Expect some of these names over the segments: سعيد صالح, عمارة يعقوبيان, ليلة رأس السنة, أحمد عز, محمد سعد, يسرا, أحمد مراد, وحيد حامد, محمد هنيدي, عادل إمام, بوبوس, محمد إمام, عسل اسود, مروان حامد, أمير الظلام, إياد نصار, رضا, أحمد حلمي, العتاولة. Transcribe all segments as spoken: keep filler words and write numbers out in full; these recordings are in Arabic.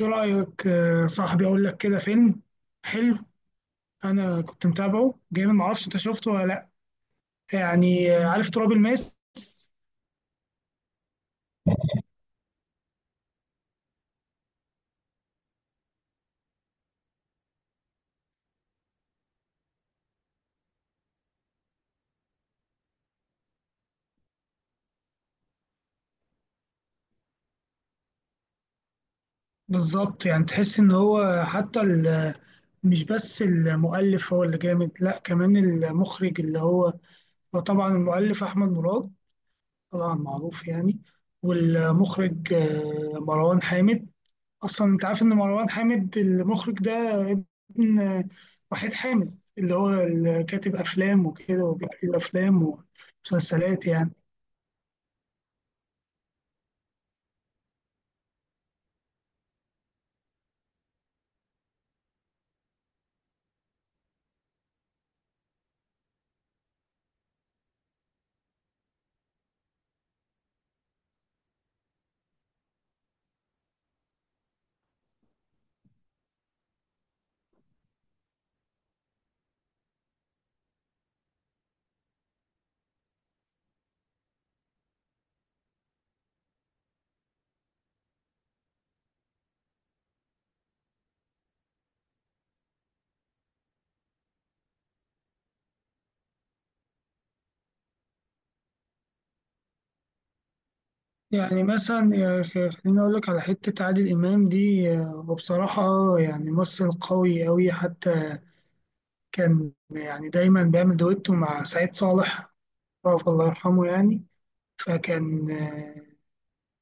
ايه رأيك آه، صاحبي؟ اقول لك كده فيلم حلو. انا كنت متابعه جامد، معرفش انت شفته ولا لا. يعني آه، عارف تراب الماس؟ بالظبط، يعني تحس ان هو حتى ال- مش بس المؤلف هو اللي جامد، لا كمان المخرج، اللي هو هو طبعا المؤلف احمد مراد، طبعا معروف يعني. والمخرج آه، مروان حامد. اصلا انت عارف ان مروان حامد المخرج ده ابن وحيد حامد، اللي هو اللي كاتب افلام وكده، وبيكتب افلام ومسلسلات يعني. يعني مثلا يا أخي، خليني اقول لك على حته عادل امام دي. آه، وبصراحه آه، يعني ممثل قوي قوي، حتى كان يعني دايما بيعمل دويتو مع سعيد صالح، رافع الله يرحمه يعني. فكان آه،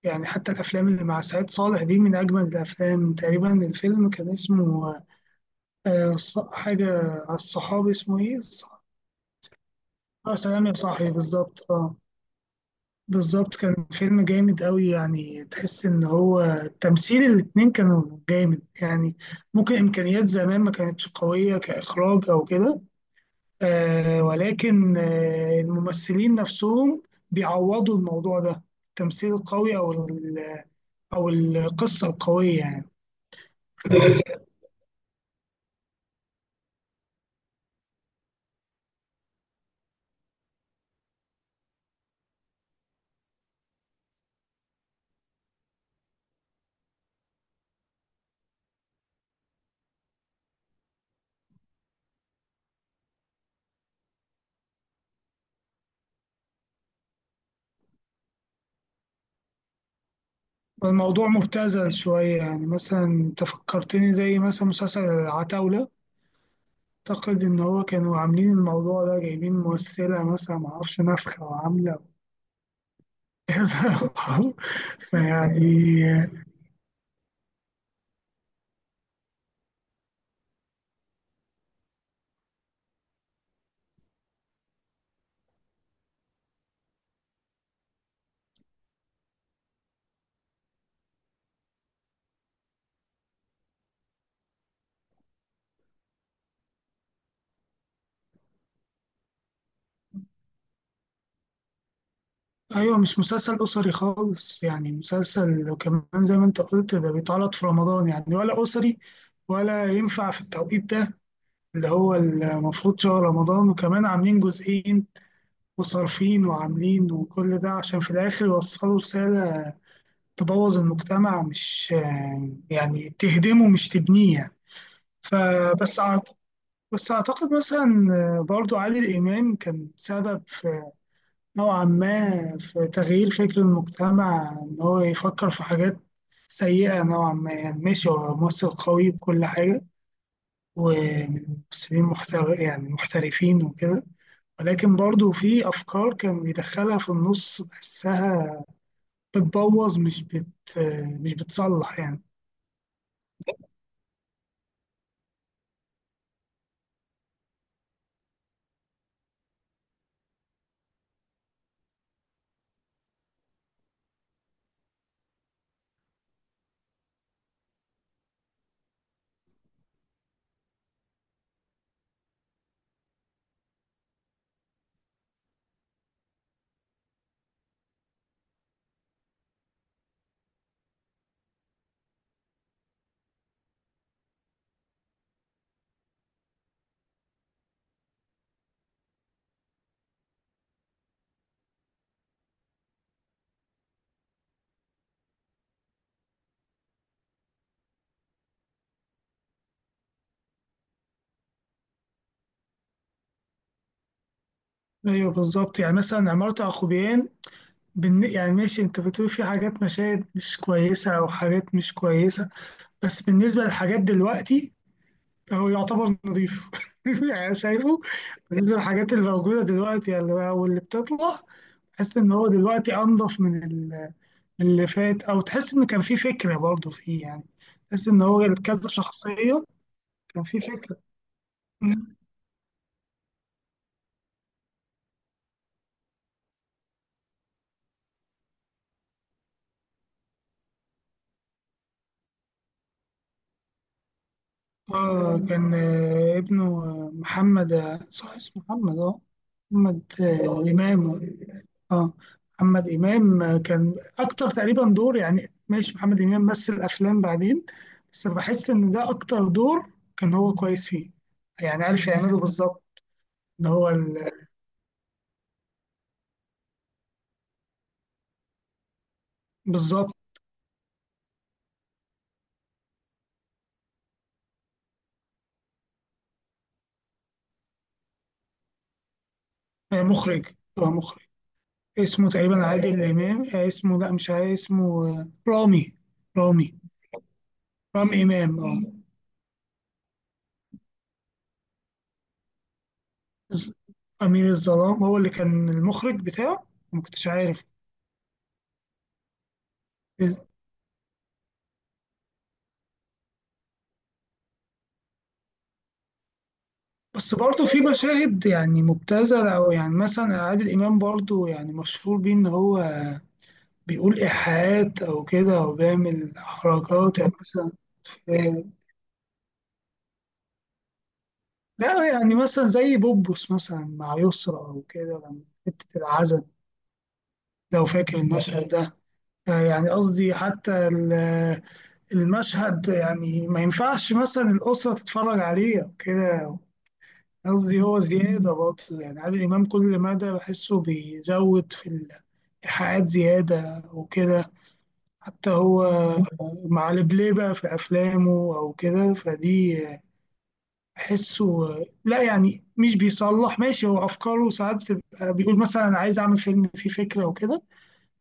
يعني حتى الافلام اللي مع سعيد صالح دي من اجمل الافلام. تقريبا الفيلم كان اسمه آه، ص- حاجة على الصحابي، اسمه إيه؟ ص- آه، سلام يا صاحبي، بالظبط آه. بالظبط كان فيلم جامد أوي، يعني تحس إن هو تمثيل الاتنين كانوا جامد يعني. ممكن إمكانيات زمان ما كانتش قوية كإخراج أو كده، آه ولكن آه الممثلين نفسهم بيعوضوا الموضوع ده، التمثيل القوي أو ال- أو القصة القوية يعني. الموضوع مبتذل شوية، يعني مثلا أنت فكرتني زي مثلا مسلسل العتاولة. أعتقد إن هو كانوا عاملين الموضوع ده، جايبين ممثلة مثلا معرفش نفخة وعاملة كذا يعني. أيوة، مش مسلسل أسري خالص يعني مسلسل. وكمان زي ما أنت قلت، ده بيتعرض في رمضان، يعني ولا أسري ولا ينفع في التوقيت ده، اللي هو المفروض شهر رمضان. وكمان عاملين جزئين وصارفين وعاملين، وكل ده عشان في الآخر يوصلوا رسالة تبوظ المجتمع، مش يعني تهدمه مش تبنيه يعني. فبس بس أعتقد مثلا آه، برضو عادل إمام كان سبب في، نوعا ما، في تغيير فكر المجتمع إن هو يفكر في حاجات سيئة نوعا ما. يعني ماشي، هو ممثل قوي بكل حاجة، ومن ممثلين محتر يعني محترفين وكده، ولكن برضو في أفكار كان بيدخلها في النص بحسها بتبوظ، مش بت مش بتصلح يعني. أيوه بالظبط، يعني مثلا عمارة يعقوبيان، بالن- يعني ماشي انت بتقول في حاجات مشاهد مش كويسة او حاجات مش كويسة، بس بالنسبة للحاجات دلوقتي هو يعتبر نظيف يعني. أنا شايفه بالنسبة للحاجات اللي موجودة دلوقتي، يعني او اللي بتطلع، تحس ان هو دلوقتي انضف من ال- من اللي فات، او تحس ان كان في فكرة برضه فيه يعني. تحس ان هو كذا شخصية، كان في فكرة. اه كان آه، ابنه آه، محمد آه، صح، اسمه محمد اه. محمد آه، إمام اه. محمد إمام آه، كان أكتر تقريبا دور. يعني ماشي، محمد إمام مثل أفلام بعدين، بس بحس إن ده أكتر دور كان هو كويس فيه، يعني عارف يعمله بالظبط. اللي هو ال- بالظبط آه، مخرج. هو مخرج، اسمه تقريبا عادل إمام آه، اسمه لا، مش عادل، اسمه آه، رامي. رامي. رامي، إمام اه. ز- أمير الظلام هو اللي كان المخرج بتاعه؟ ما كنتش عارف. بس برضه في مشاهد يعني مبتذلة، أو يعني مثلا عادل إمام برضه يعني مشهور بيه إن هو بيقول إيحاءات أو كده، أو بيعمل حركات، يعني مثلا آه، لا يعني مثلا زي بوبوس مثلا مع يسرا أو كده، لما حتة العزل لو فاكر المشهد ده. آه، يعني قصدي حتى ال- المشهد، يعني ما ينفعش مثلا الأسرة تتفرج عليه أو كده. قصدي هو زيادة برضه، يعني عادل إمام كل مدى بحسه بيزود في الإيحاءات زيادة وكده. حتى هو مع البلاي بقى في أفلامه أو كده، فدي بحسه. لا يعني مش بيصلح، ماشي هو أفكاره ساعات بتبقى بيقول مثلا أنا عايز أعمل فيلم فيه فكرة وكده،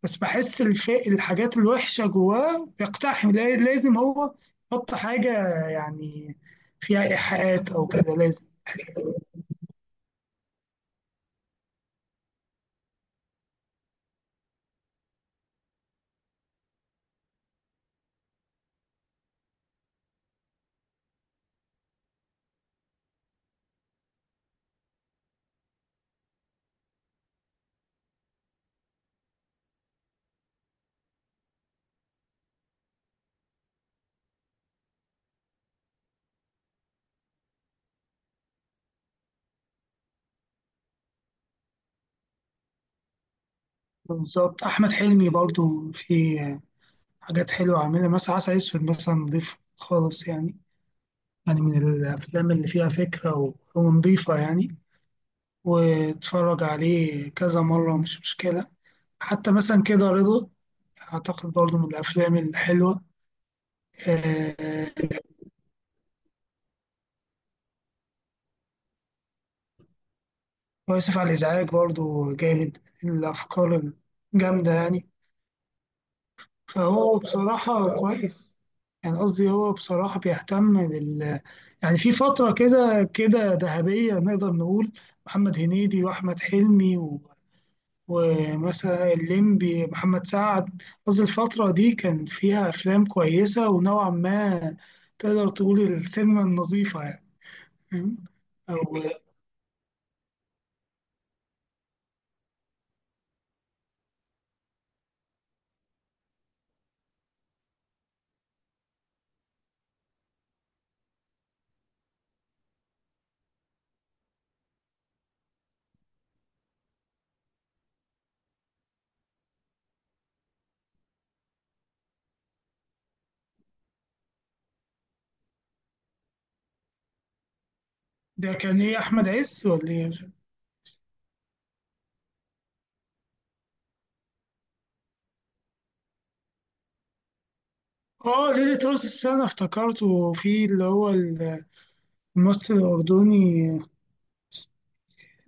بس بحس الف... الحاجات الوحشة جواه بيقتحم، لا- لازم هو يحط حاجة يعني فيها إيحاءات أو كده، لازم. بالظبط، احمد حلمي برضو في حاجات حلوه عاملها. مثلا عسل اسود مثلا، نضيف خالص يعني، يعني من الافلام اللي فيها فكره و- ونضيفه يعني. واتفرج عليه كذا مره مش مشكله. حتى مثلا كده رضا، اعتقد برضو من الافلام الحلوه. آه، واسف على الازعاج برضو جامد، الافكار الجامده يعني. فهو بصراحه كويس، يعني قصدي هو بصراحه بيهتم بال، يعني في فترة كده كده ذهبية نقدر نقول: محمد هنيدي وأحمد حلمي و- ومثلا الليمبي، محمد سعد. قصدي الفترة دي كان فيها أفلام كويسة، ونوعا ما تقدر تقول السينما النظيفة يعني. فاهم؟ أو ده كان إيه، أحمد عز ولا إيه؟ آه، ليلة رأس السنة افتكرته، في اللي هو الممثل الأردني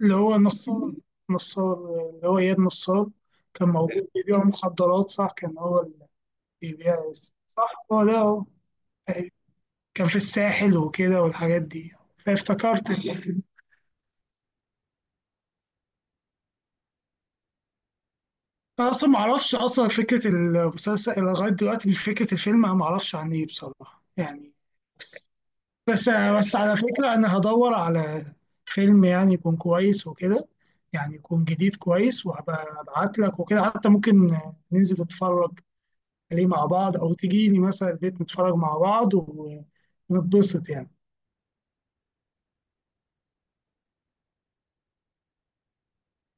اللي هو نصار. نصار، اللي هو إياد نصار، كان موجود بيبيع مخدرات، صح؟ كان هو اللي بيبيع. صح، هو ده هو. أيوة. كان في الساحل وكده والحاجات دي، فافتكرت. أيوة. أنا أصلا معرفش، أصلا فكرة المسلسل لغاية دلوقتي، فكرة الفيلم أنا معرفش عن إيه بصراحة يعني. بس بس بس على فكرة، أنا هدور على فيلم يعني يكون كويس وكده، يعني يكون جديد كويس، وهبقى أبعت لك وكده. حتى ممكن ننزل نتفرج ليه مع بعض، او تجيني مثلا البيت نتفرج مع بعض ونتبسط يعني.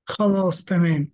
خلاص، تمام.